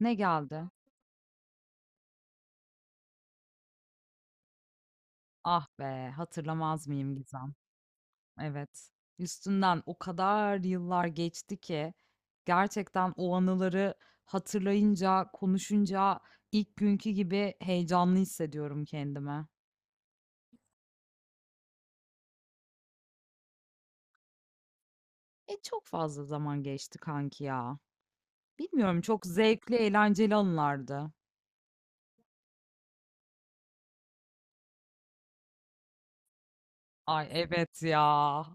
Ne geldi? Ah be, hatırlamaz mıyım Gizem? Evet. Üstünden o kadar yıllar geçti ki gerçekten o anıları hatırlayınca, konuşunca ilk günkü gibi heyecanlı hissediyorum kendimi. E çok fazla zaman geçti kanki ya. Bilmiyorum, çok zevkli, eğlenceli anılardı. Ay evet ya.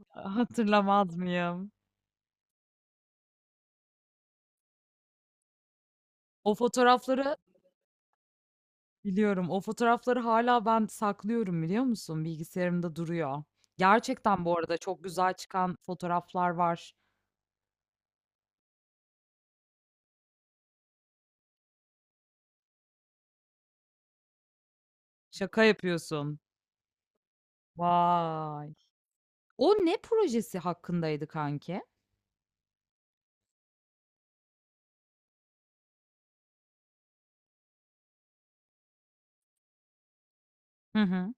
Hatırlamaz mıyım? O fotoğrafları biliyorum. O fotoğrafları hala ben saklıyorum, biliyor musun? Bilgisayarımda duruyor. Gerçekten bu arada çok güzel çıkan fotoğraflar var. Şaka yapıyorsun. Vay! O ne projesi hakkındaydı kanki? Hı hı.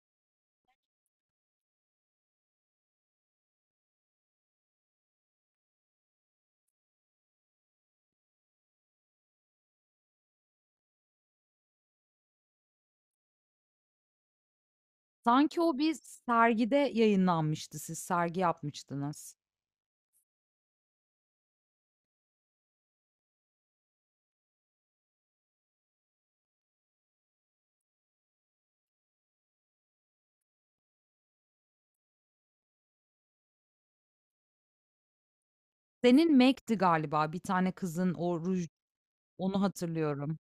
Sanki o bir sergide yayınlanmıştı. Siz sergi yapmıştınız. Senin Mac'ti galiba. Bir tane kızın o ruj, onu hatırlıyorum.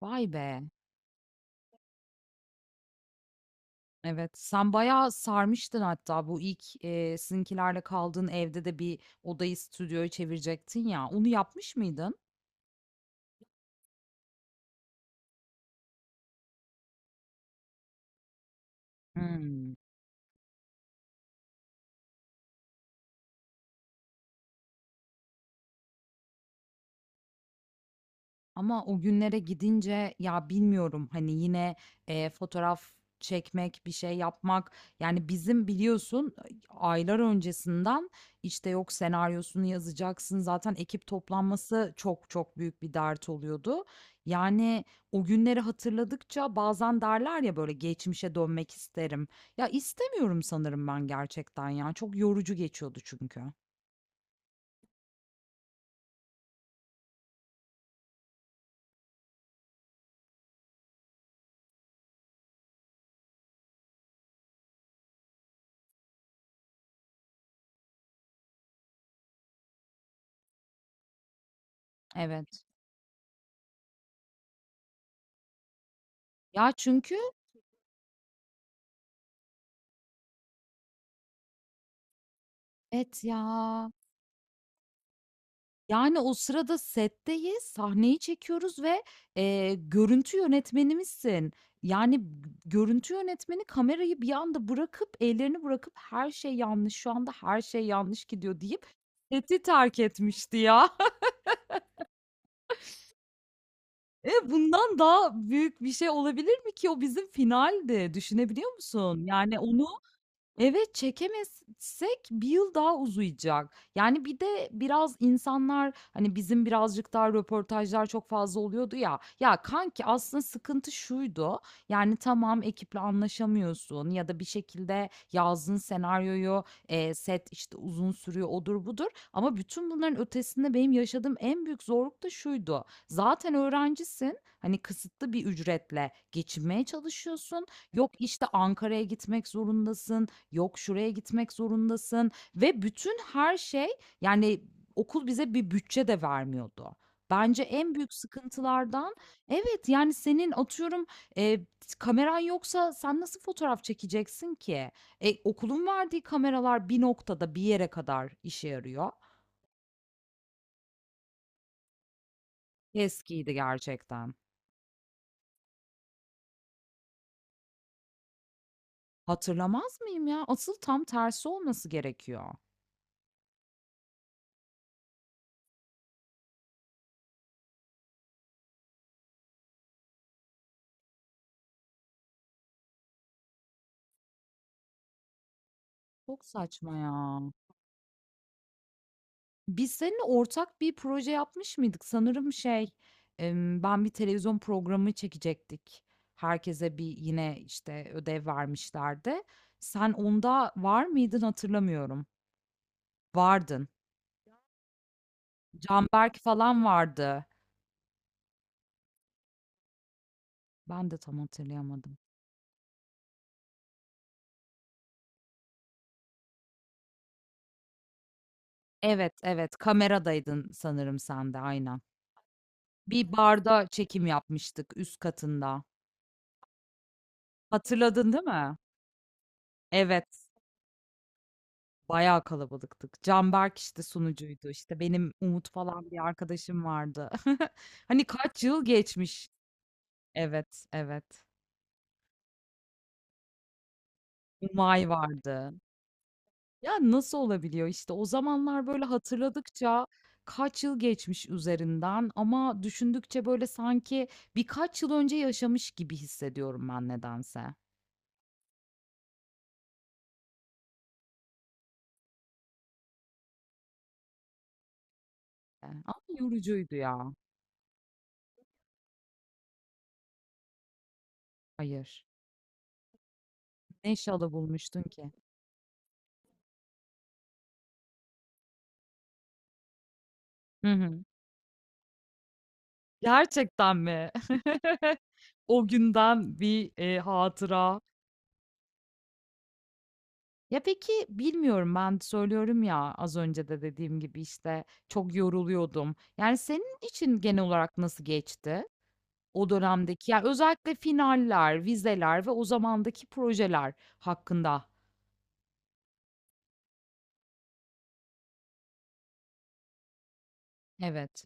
Vay be! Evet, sen bayağı sarmıştın hatta bu ilk, sizinkilerle kaldığın evde de bir odayı stüdyoya çevirecektin ya, onu yapmış mıydın? Hıı. Ama o günlere gidince ya bilmiyorum hani yine, fotoğraf çekmek, bir şey yapmak, yani bizim biliyorsun aylar öncesinden işte yok senaryosunu yazacaksın, zaten ekip toplanması çok çok büyük bir dert oluyordu. Yani o günleri hatırladıkça bazen derler ya böyle geçmişe dönmek isterim. Ya istemiyorum sanırım ben, gerçekten ya çok yorucu geçiyordu çünkü. Evet. Ya çünkü evet ya. Yani, o sırada setteyiz, sahneyi çekiyoruz ve, görüntü yönetmenimizsin. Yani, görüntü yönetmeni kamerayı bir anda bırakıp, ellerini bırakıp "Her şey yanlış, şu anda her şey yanlış gidiyor." deyip seti terk etmişti ya. E, bundan daha büyük bir şey olabilir mi ki? O bizim finaldi, düşünebiliyor musun? Yani, onu evet, çekemezsek bir yıl daha uzayacak. Yani bir de biraz insanlar, hani, bizim birazcık daha röportajlar çok fazla oluyordu ya. Ya, kanki aslında sıkıntı şuydu: yani tamam, ekiple anlaşamıyorsun ya da bir şekilde yazdığın senaryoyu, set, işte, uzun sürüyor, odur budur ama bütün bunların ötesinde benim yaşadığım en büyük zorluk da şuydu: zaten öğrencisin, hani, kısıtlı bir ücretle geçinmeye çalışıyorsun. Yok, işte, Ankara'ya gitmek zorundasın. Yok, şuraya gitmek zorundasın ve bütün her şey, yani okul bize bir bütçe de vermiyordu. Bence en büyük sıkıntılardan evet, yani senin atıyorum e, kameran yoksa sen nasıl fotoğraf çekeceksin ki? E, okulun verdiği kameralar bir noktada bir yere kadar işe yarıyor. Eskiydi gerçekten. Hatırlamaz mıyım ya? Asıl tam tersi olması gerekiyor. Çok saçma ya. Biz seninle ortak bir proje yapmış mıydık? Sanırım şey, ben bir televizyon programı çekecektik. Herkese bir yine, işte, ödev vermişlerdi. Sen onda var mıydın hatırlamıyorum. Vardın. Canberk falan vardı. Ben de tam hatırlayamadım. Evet, evet, kameradaydın sanırım sen de, aynen. Bir barda çekim yapmıştık üst katında. Hatırladın değil mi? Evet. Bayağı kalabalıktık. Canberk, işte, sunucuydu. İşte, benim Umut falan bir arkadaşım vardı. Hani kaç yıl geçmiş. Evet, evet. Umay vardı. Ya, nasıl olabiliyor? İşte, o zamanlar, böyle, hatırladıkça kaç yıl geçmiş üzerinden ama düşündükçe, böyle, sanki birkaç yıl önce yaşamış gibi hissediyorum ben nedense. Ama yorucuydu ya. Hayır. Ne şalı bulmuştun ki? Hı hı. Gerçekten mi? O günden bir, hatıra. Ya, peki, bilmiyorum ben söylüyorum ya, az önce de dediğim gibi, işte, çok yoruluyordum. Yani, senin için genel olarak nasıl geçti o dönemdeki ya, özellikle finaller, vizeler ve o zamandaki projeler hakkında? Evet.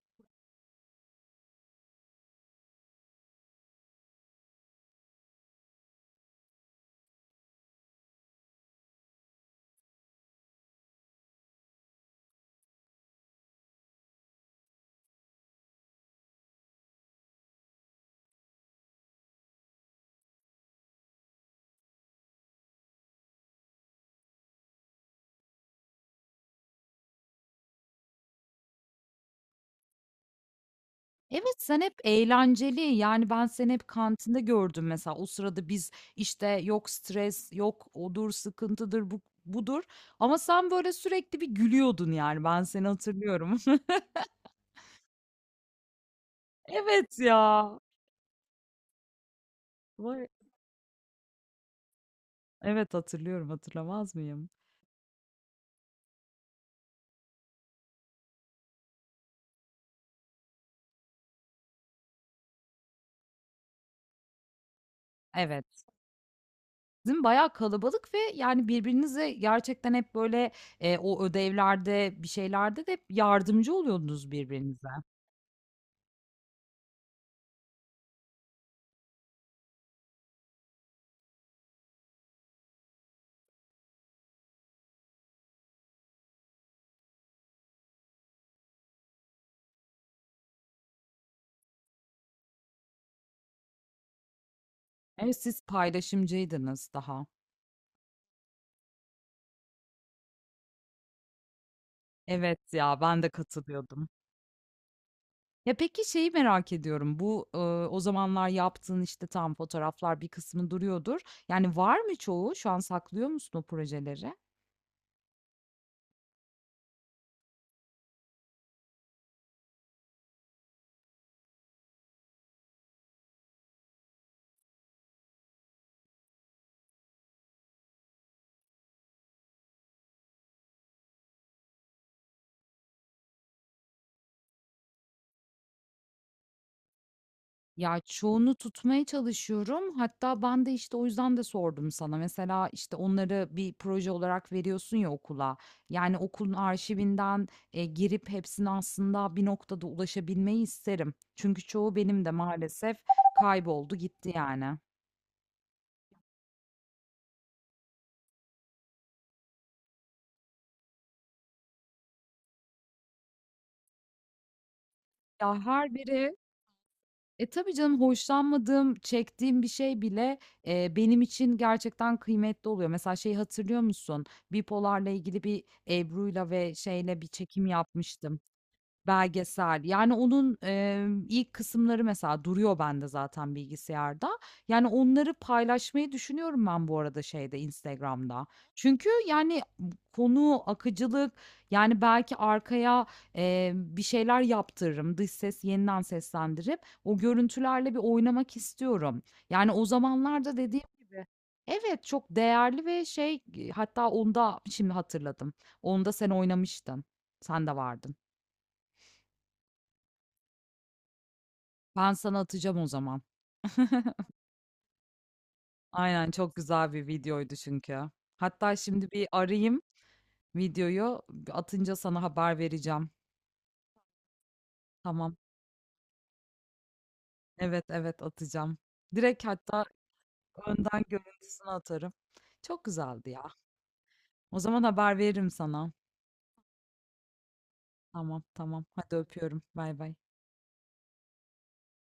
Evet, sen hep eğlenceli, yani, ben seni hep kantinde gördüm mesela. O sırada biz, işte, yok stres, yok odur, sıkıntıdır, bu budur ama sen böyle sürekli bir gülüyordun, yani, ben seni hatırlıyorum. Evet ya. Vay, evet, hatırlıyorum, hatırlamaz mıyım? Evet. Sizin bayağı kalabalık ve, yani, birbirinize gerçekten hep böyle, o ödevlerde, bir şeylerde de hep yardımcı oluyordunuz birbirinize. Evet, siz paylaşımcıydınız daha. Evet ya, ben de katılıyordum. Ya, peki şeyi merak ediyorum. Bu, o zamanlar yaptığın, işte, tam fotoğraflar bir kısmı duruyordur. Yani, var mı çoğu? Şu an saklıyor musun o projeleri? Ya, çoğunu tutmaya çalışıyorum. Hatta ben de, işte, o yüzden de sordum sana. Mesela, işte, onları bir proje olarak veriyorsun ya okula. Yani, okulun arşivinden, girip hepsine aslında bir noktada ulaşabilmeyi isterim. Çünkü çoğu benim de maalesef kayboldu gitti yani. Ya, her biri, e, tabii canım, hoşlanmadığım, çektiğim bir şey bile, benim için gerçekten kıymetli oluyor. Mesela şeyi hatırlıyor musun? Bipolar'la ilgili bir Ebru'yla ve şeyle bir çekim yapmıştım. Belgesel. Yani onun, ilk kısımları mesela duruyor bende zaten bilgisayarda. Yani onları paylaşmayı düşünüyorum ben bu arada şeyde, Instagram'da. Çünkü yani konu, akıcılık, yani belki arkaya, bir şeyler yaptırırım. Dış ses yeniden seslendirip o görüntülerle bir oynamak istiyorum. Yani o zamanlarda dediğim gibi evet, çok değerli ve şey, hatta onda şimdi hatırladım. Onda sen oynamıştın. Sen de vardın. Ben sana atacağım o zaman. Aynen çok güzel bir videoydu çünkü. Hatta şimdi bir arayayım videoyu. Atınca sana haber vereceğim. Tamam. Evet evet atacağım. Direkt hatta önden görüntüsünü atarım. Çok güzeldi ya. O zaman haber veririm sana. Tamam tamam. Hadi öpüyorum. Bay bay.